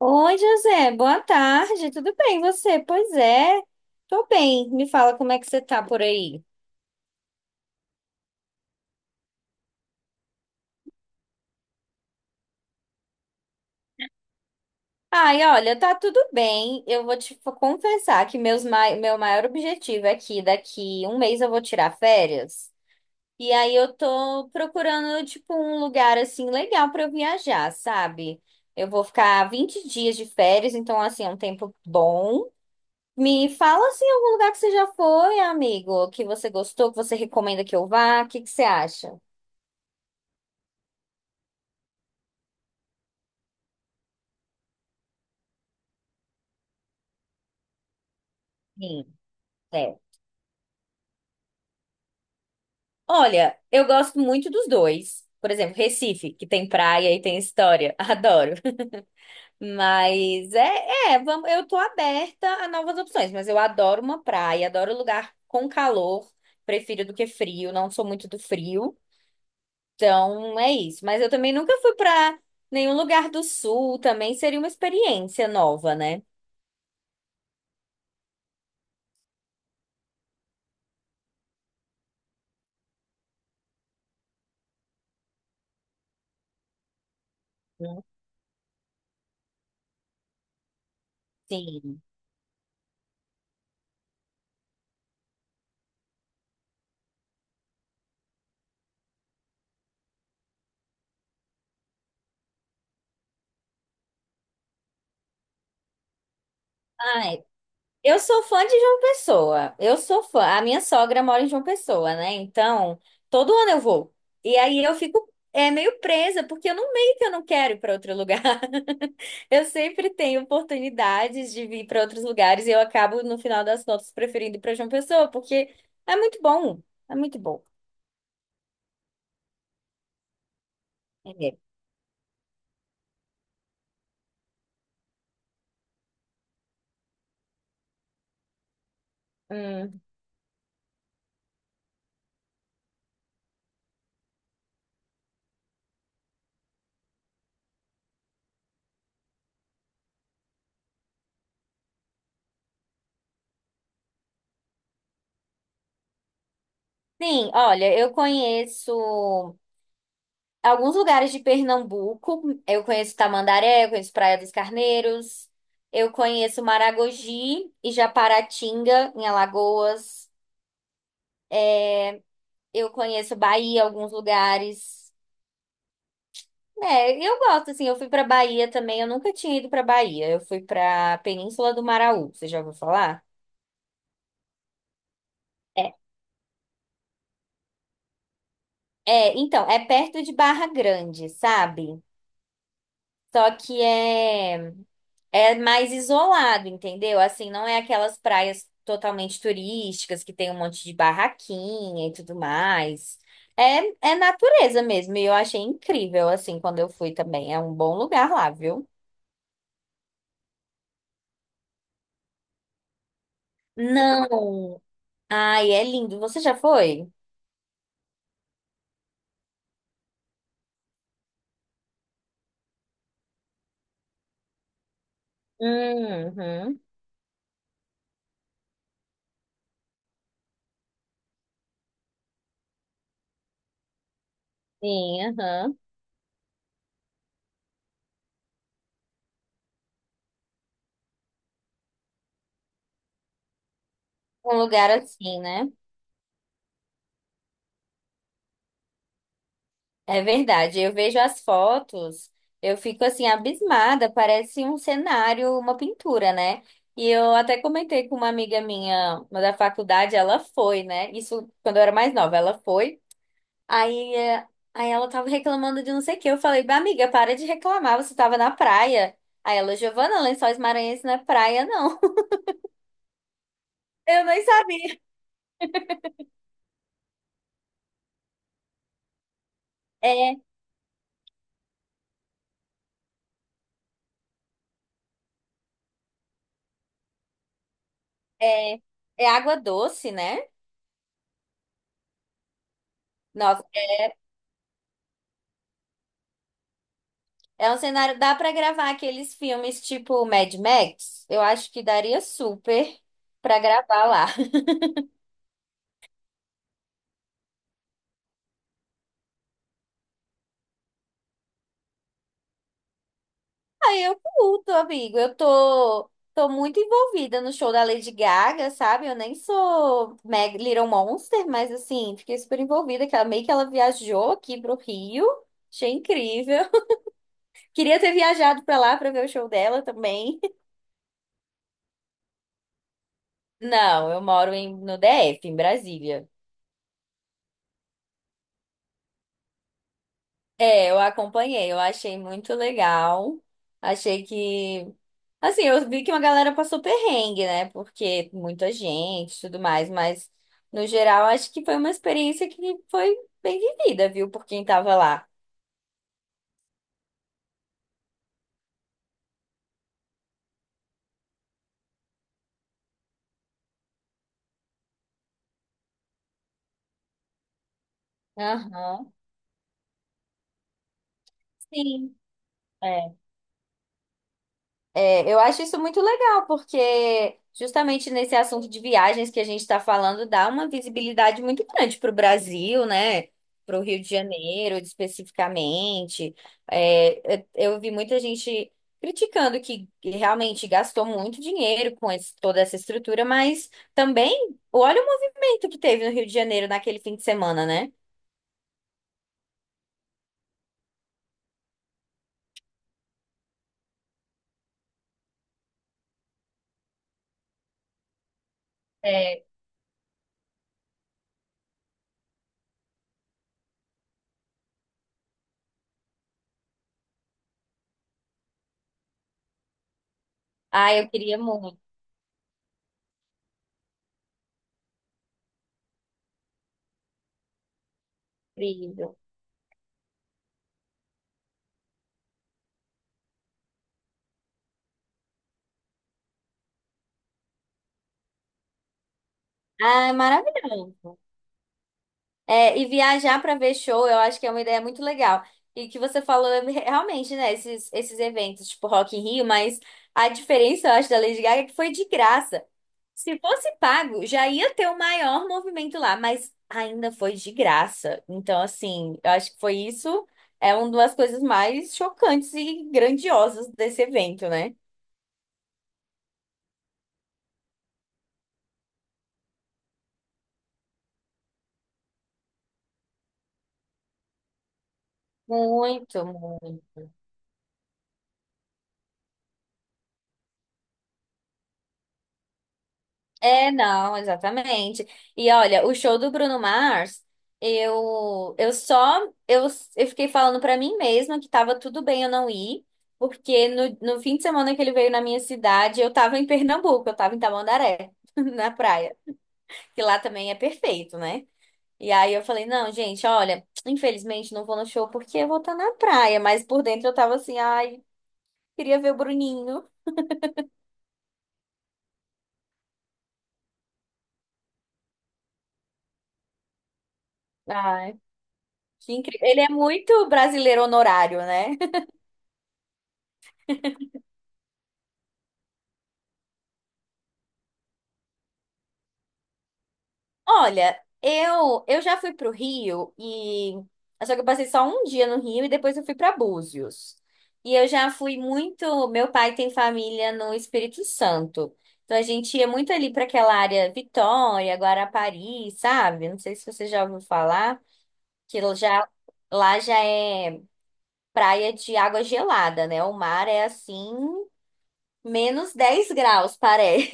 Oi, José, boa tarde, tudo bem e você? Pois é, tô bem. Me fala como é que você tá por aí. Ai, olha, tá tudo bem. Eu vou confessar que meu maior objetivo é que daqui um mês eu vou tirar férias. E aí eu tô procurando, tipo, um lugar assim legal pra eu viajar, sabe? Eu vou ficar 20 dias de férias, então assim, é um tempo bom. Me fala assim algum lugar que você já foi, amigo, que você gostou, que você recomenda que eu vá, o que que você acha? Sim, é. Olha, eu gosto muito dos dois. Por exemplo, Recife, que tem praia e tem história. Adoro. Mas vamos, eu tô aberta a novas opções, mas eu adoro uma praia, adoro lugar com calor, prefiro do que frio, não sou muito do frio. Então é isso. Mas eu também nunca fui pra nenhum lugar do sul, também seria uma experiência nova, né? Sim. Ah, é. Eu sou fã de João Pessoa. Eu sou fã. A minha sogra mora em João Pessoa, né? Então, todo ano eu vou. E aí eu fico meio presa, porque eu não meio que eu não quero ir para outro lugar. Eu sempre tenho oportunidades de vir para outros lugares e eu acabo, no final das contas, preferindo ir para João Pessoa, porque é muito bom. É muito bom. É. Hum. Sim, olha, eu conheço. Alguns lugares de Pernambuco, eu conheço Tamandaré, eu conheço Praia dos Carneiros, eu conheço Maragogi e Japaratinga, em Alagoas. Eu conheço Bahia, alguns lugares. É, eu gosto, assim, eu fui pra Bahia também, eu nunca tinha ido pra Bahia. Eu fui pra Península do Maraú, você já ouviu falar? É, então, é perto de Barra Grande, sabe? Só que é É mais isolado, entendeu? Assim, não é aquelas praias totalmente turísticas que tem um monte de barraquinha e tudo mais. É, é natureza mesmo. E eu achei incrível, assim, quando eu fui também. É um bom lugar lá, viu? Não. Ai, é lindo. Você já foi? Uhum. Sim, aham. Um lugar assim, né? É verdade, eu vejo as fotos, eu fico assim abismada, parece um cenário, uma pintura, né? E eu até comentei com uma amiga minha, uma da faculdade, ela foi, né? Isso quando eu era mais nova, ela foi. Aí, aí ela tava reclamando de não sei o quê. Eu falei, "Bah, amiga, para de reclamar, você tava na praia. Aí ela, Giovana, Lençóis Maranhenses não é praia, não." Eu nem sabia. É, é, é água doce, né? É um cenário, dá pra gravar aqueles filmes tipo Mad Max? Eu acho que daria super pra gravar lá. Aí eu curto, amigo. Tô muito envolvida no show da Lady Gaga, sabe? Eu nem sou Meg Little Monster, mas assim, fiquei super envolvida, que ela meio que ela viajou aqui pro Rio. Achei incrível. Queria ter viajado pra lá pra ver o show dela também. Não, eu moro no DF, em Brasília. É, eu acompanhei, eu achei muito legal. Achei que. Assim, eu vi que uma galera passou perrengue, né? Porque muita gente e tudo mais, mas no geral acho que foi uma experiência que foi bem vivida, viu, por quem tava lá. Aham. Sim. É. É, eu acho isso muito legal, porque justamente nesse assunto de viagens que a gente está falando, dá uma visibilidade muito grande para o Brasil, né? Para o Rio de Janeiro, especificamente. É, eu, eu vi muita gente criticando que realmente gastou muito dinheiro com toda essa estrutura, mas também olha o movimento que teve no Rio de Janeiro naquele fim de semana, né? É. Ah, eu queria muito. Incrível. Ah, é maravilhoso. É, e viajar para ver show, eu acho que é uma ideia muito legal. E que você falou é realmente, né, esses eventos, tipo Rock in Rio, mas a diferença, eu acho, da Lady Gaga é que foi de graça. Se fosse pago, já ia ter o maior movimento lá, mas ainda foi de graça. Então, assim, eu acho que foi isso, é uma das coisas mais chocantes e grandiosas desse evento, né? Muito, muito. É, não, exatamente. E olha, o show do Bruno Mars, eu eu só eu, eu fiquei falando pra mim mesma que tava tudo bem eu não ir, porque no fim de semana que ele veio na minha cidade, eu tava em Pernambuco, eu tava em Tamandaré, na praia, que lá também é perfeito, né? E aí eu falei, não, gente, olha, infelizmente não vou no show porque eu vou estar na praia, mas por dentro eu tava assim, ai, queria ver o Bruninho. Ai, que incrível. Ele é muito brasileiro honorário, né? Olha, eu já fui pro Rio e só que eu passei só um dia no Rio e depois eu fui para Búzios. E eu já fui muito, meu pai tem família no Espírito Santo. Então a gente ia muito ali para aquela área Vitória, Guarapari, sabe? Não sei se você já ouviu falar que lá já é praia de água gelada, né? O mar é assim, menos 10 graus, parece.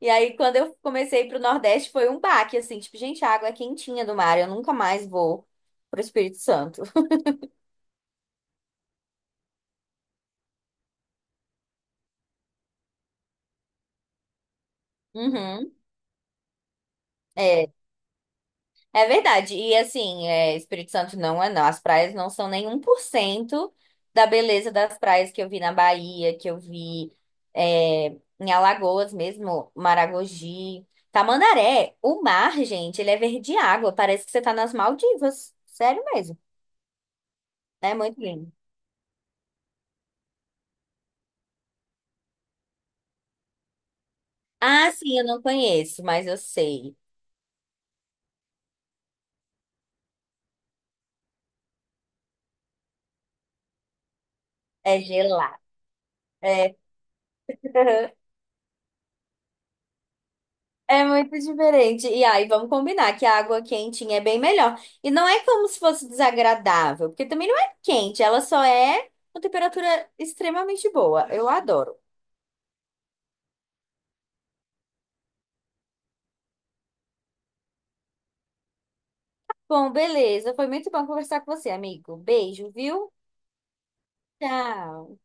E aí, quando eu comecei a ir pro Nordeste, foi um baque, assim, tipo, gente, a água é quentinha do mar, eu nunca mais vou pro Espírito Santo. Uhum, é, é verdade. E assim, é, Espírito Santo não é não. As praias não são nem 1% da beleza das praias que eu vi na Bahia, que eu vi é, em Alagoas mesmo, Maragogi. Tamandaré, o mar, gente, ele é verde água, parece que você tá nas Maldivas. Sério mesmo. É muito lindo. Ah, sim, eu não conheço, mas eu sei. É gelado. É. É muito diferente. E aí, vamos combinar que a água quentinha é bem melhor. E não é como se fosse desagradável, porque também não é quente, ela só é uma temperatura extremamente boa. Eu adoro. Bom, beleza. Foi muito bom conversar com você, amigo. Beijo, viu? Tchau.